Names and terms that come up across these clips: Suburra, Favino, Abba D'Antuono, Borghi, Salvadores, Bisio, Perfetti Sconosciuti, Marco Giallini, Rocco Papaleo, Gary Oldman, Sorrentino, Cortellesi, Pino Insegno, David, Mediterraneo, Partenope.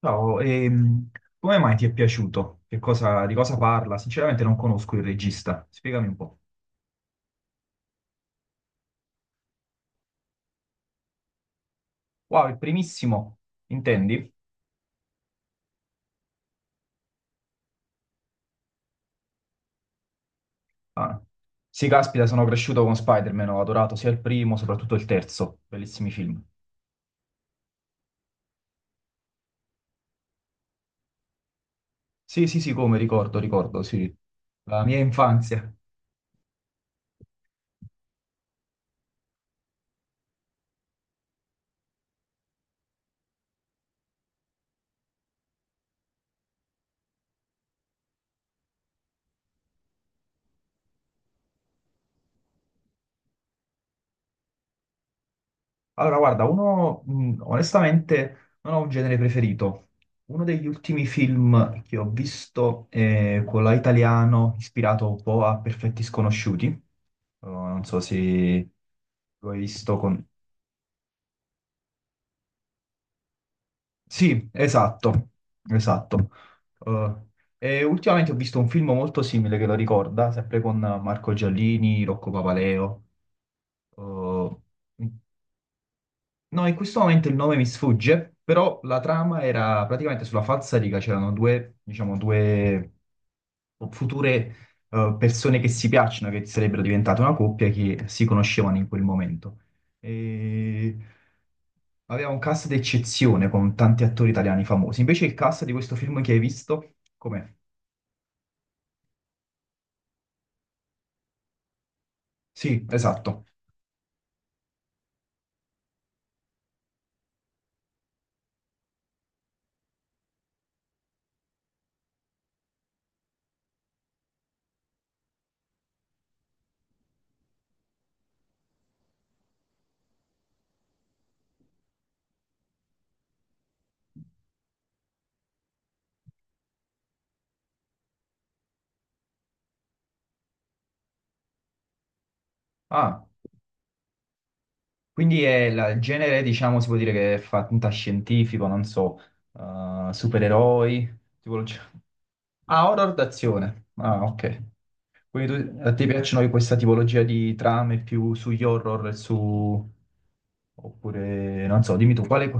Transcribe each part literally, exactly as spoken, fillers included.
Ciao, ehm, come mai ti è piaciuto? Che cosa- di cosa parla? Sinceramente non conosco il regista, spiegami un po'. Wow, il primissimo, intendi? Ah. Sì, caspita, sono cresciuto con Spider-Man, ho adorato sia il primo, soprattutto il terzo, bellissimi film. Sì, sì, sì, come ricordo, ricordo, sì, la mia infanzia. Allora, guarda, uno, mh, onestamente, non ho un genere preferito. Uno degli ultimi film che ho visto è quello italiano, ispirato un po' a Perfetti Sconosciuti. Oh, non so se l'ho visto con... Sì, esatto, esatto. Eh, e ultimamente ho visto un film molto simile che lo ricorda, sempre con Marco Giallini, Rocco Papaleo. Eh, No, in questo momento il nome mi sfugge, però la trama era praticamente sulla falsariga, c'erano due, diciamo, due future eh, persone che si piacciono, che sarebbero diventate una coppia, che si conoscevano in quel momento. E... Aveva un cast d'eccezione con tanti attori italiani famosi. Invece il cast di questo film che hai visto, com'è? Sì, esatto. Ah. Quindi è la- il genere, diciamo, si può dire che è fantascientifico, non so, eh, supereroi, tipologia... Ah, horror d'azione. Ah, ok. Quindi tu- a te piacciono questa tipologia di trame più sugli horror, e su... oppure, non so, dimmi tu, quale...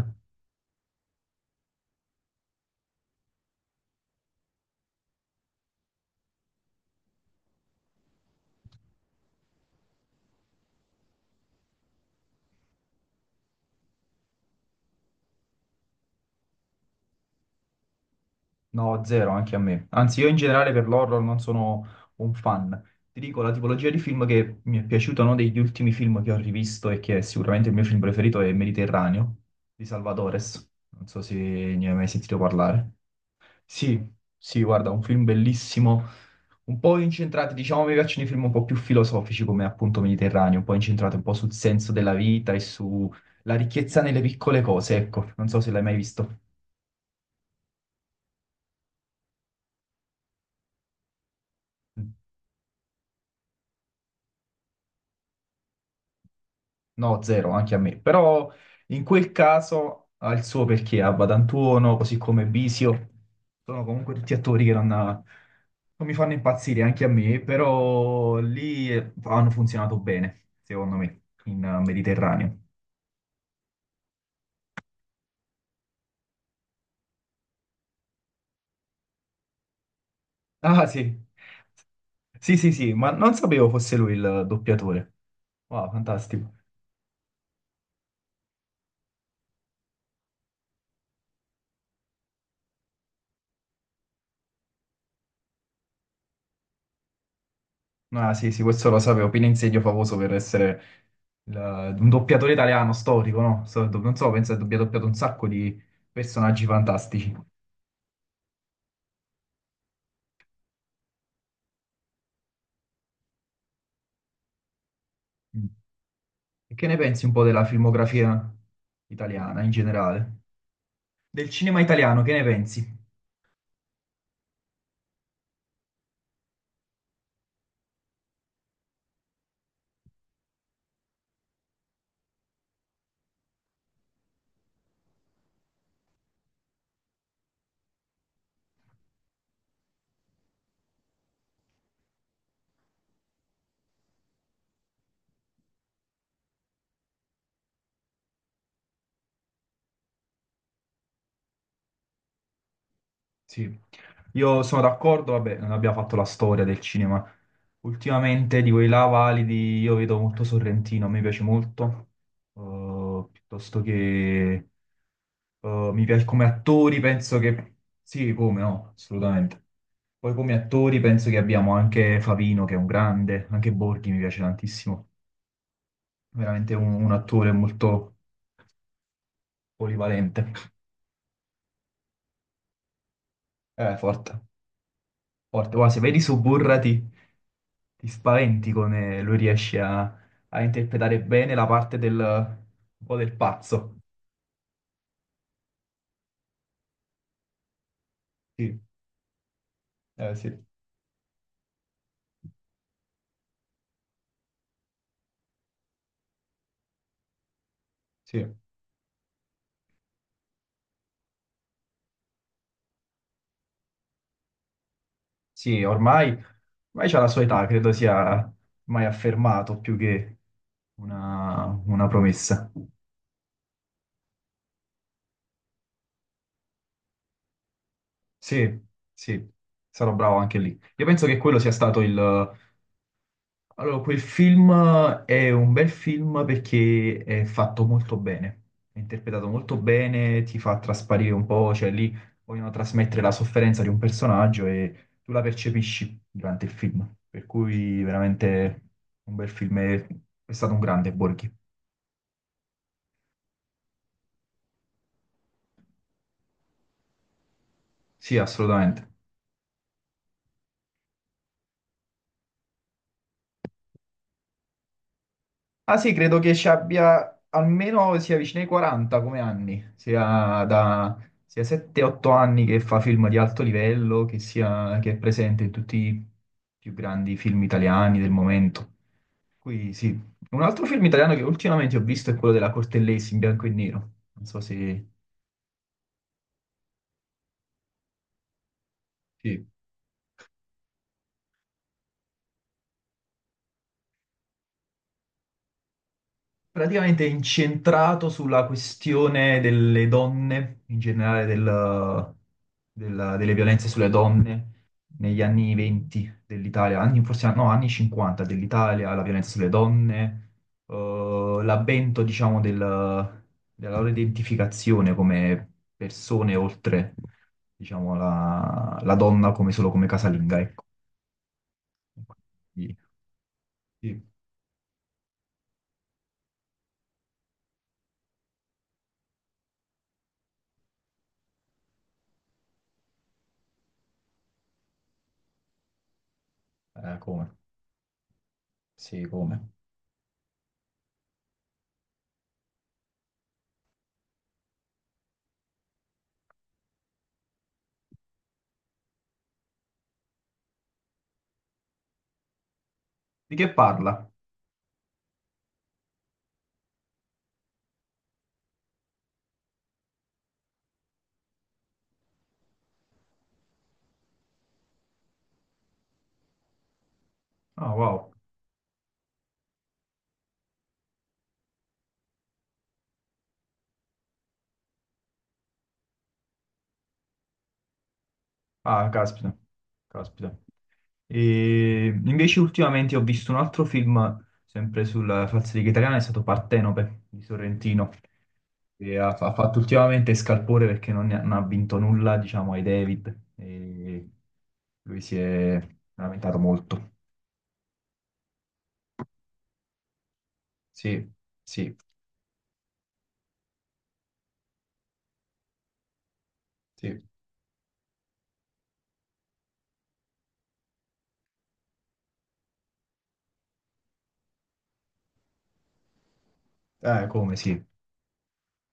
No, zero anche a me. Anzi, io in generale per l'horror non sono un fan. Ti dico, la tipologia di film che mi è piaciuto, uno degli ultimi film che ho rivisto e che è sicuramente il mio film preferito è Mediterraneo di Salvadores. Non so se ne hai mai sentito parlare. Sì, sì, guarda, un film bellissimo, un po' incentrati, diciamo, mi piacciono i film un po' più filosofici come appunto Mediterraneo, un po' incentrati un po' sul senso della vita e sulla ricchezza nelle piccole cose, ecco. Non so se l'hai mai visto. No, zero, anche a me. Però in quel caso ha il suo perché, Abba D'Antuono, così come Bisio, sono comunque tutti attori che non, non mi fanno impazzire anche a me, però lì eh, hanno funzionato bene, secondo me, in eh, Mediterraneo. Ah, sì. Sì, sì, sì, ma non sapevo fosse lui il doppiatore. Wow, fantastico. Ah, sì, sì, questo lo sapevo. Pino Insegno famoso per essere il- un doppiatore italiano storico, no? So- do- Non so, penso che abbia doppiato un sacco di personaggi fantastici. Mm. E che ne pensi un po' della filmografia italiana in generale? Del cinema italiano, che ne pensi? Sì, io sono d'accordo, vabbè, non abbiamo fatto la storia del cinema. Ultimamente di quei là validi io vedo molto Sorrentino, mi piace molto. Eh, piuttosto che eh, mi piace come attori, penso che sì, come no, assolutamente. Poi come attori penso che abbiamo anche Favino, che è un grande, anche Borghi mi piace tantissimo, veramente un, un attore molto polivalente. Eh, forte, forte. Guarda, se vedi Suburra ti ti spaventi come lui riesce a, a interpretare bene la parte del, un po' del pazzo. Sì, eh, sì, sì, sì, ormai, ormai c'ha la sua età, credo sia mai affermato più che una, una promessa. Sì, sì, sarò bravo anche lì. Io penso che quello sia stato il, Allora, quel film eh, è un bel film perché è fatto molto bene, è interpretato molto bene, ti fa trasparire un po', cioè lì vogliono trasmettere la sofferenza di un personaggio e tu la percepisci durante il film, per cui veramente un bel film, è, è stato un grande Borghi. Sì, assolutamente. Ah, sì, credo che ci abbia almeno sia vicino ai quaranta come anni, sia da sia sette otto anni che fa film di alto livello, che, sia, che è presente in tutti i più grandi film italiani del momento. Qui sì. Un altro film italiano che ultimamente ho visto è quello della Cortellesi in bianco e nero. Non so se... Sì. Praticamente incentrato sulla questione delle donne, in generale del- della- delle violenze sulle donne negli anni venti dell'Italia, anni, forse no, anni cinquanta dell'Italia, la violenza sulle donne, eh, l'avvento, diciamo, del- della loro identificazione come persone oltre, diciamo, la, la donna come solo come casalinga, ecco. Quindi, sì, eh, come? Sì, come? Di che parla? Ah, wow. Ah, caspita, caspita. E invece ultimamente ho visto un altro film, sempre sulla falsariga italiana, è stato Partenope di Sorrentino, che ha, ha fatto ultimamente scalpore perché non, ne ha, non ha vinto nulla, diciamo, ai David, e lui si è lamentato molto. Sì, sì, sì. Eh, come sì,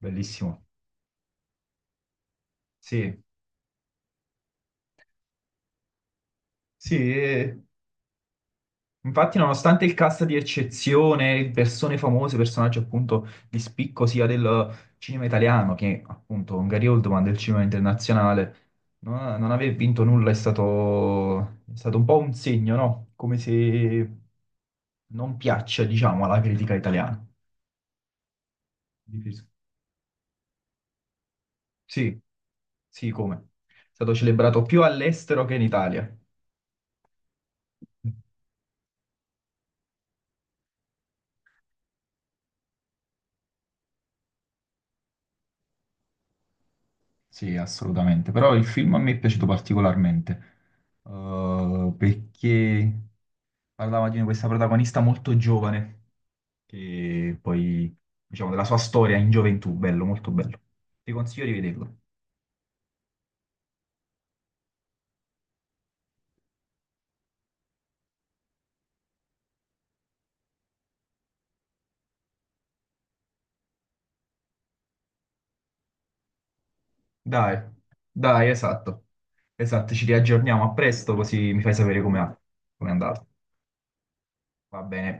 bellissimo. Sì, sì, e- infatti, nonostante il cast di eccezione, persone famose, personaggi appunto di spicco sia del cinema italiano che appunto un Gary Oldman del cinema internazionale, non, non aver vinto nulla è stato, è stato un po' un segno, no? Come se non piaccia, diciamo, alla critica italiana. Diviso. Sì, sì, come? È stato celebrato più all'estero che in Italia. Sì, assolutamente. Però il film a me è piaciuto particolarmente, eh, perché parlava di questa protagonista molto giovane, che poi, diciamo, della sua storia in gioventù, bello, molto bello. Ti consiglio di vederlo. Dai, dai, esatto. Esatto, ci riaggiorniamo a presto, così mi fai sapere come com'è com'è andato. Va bene.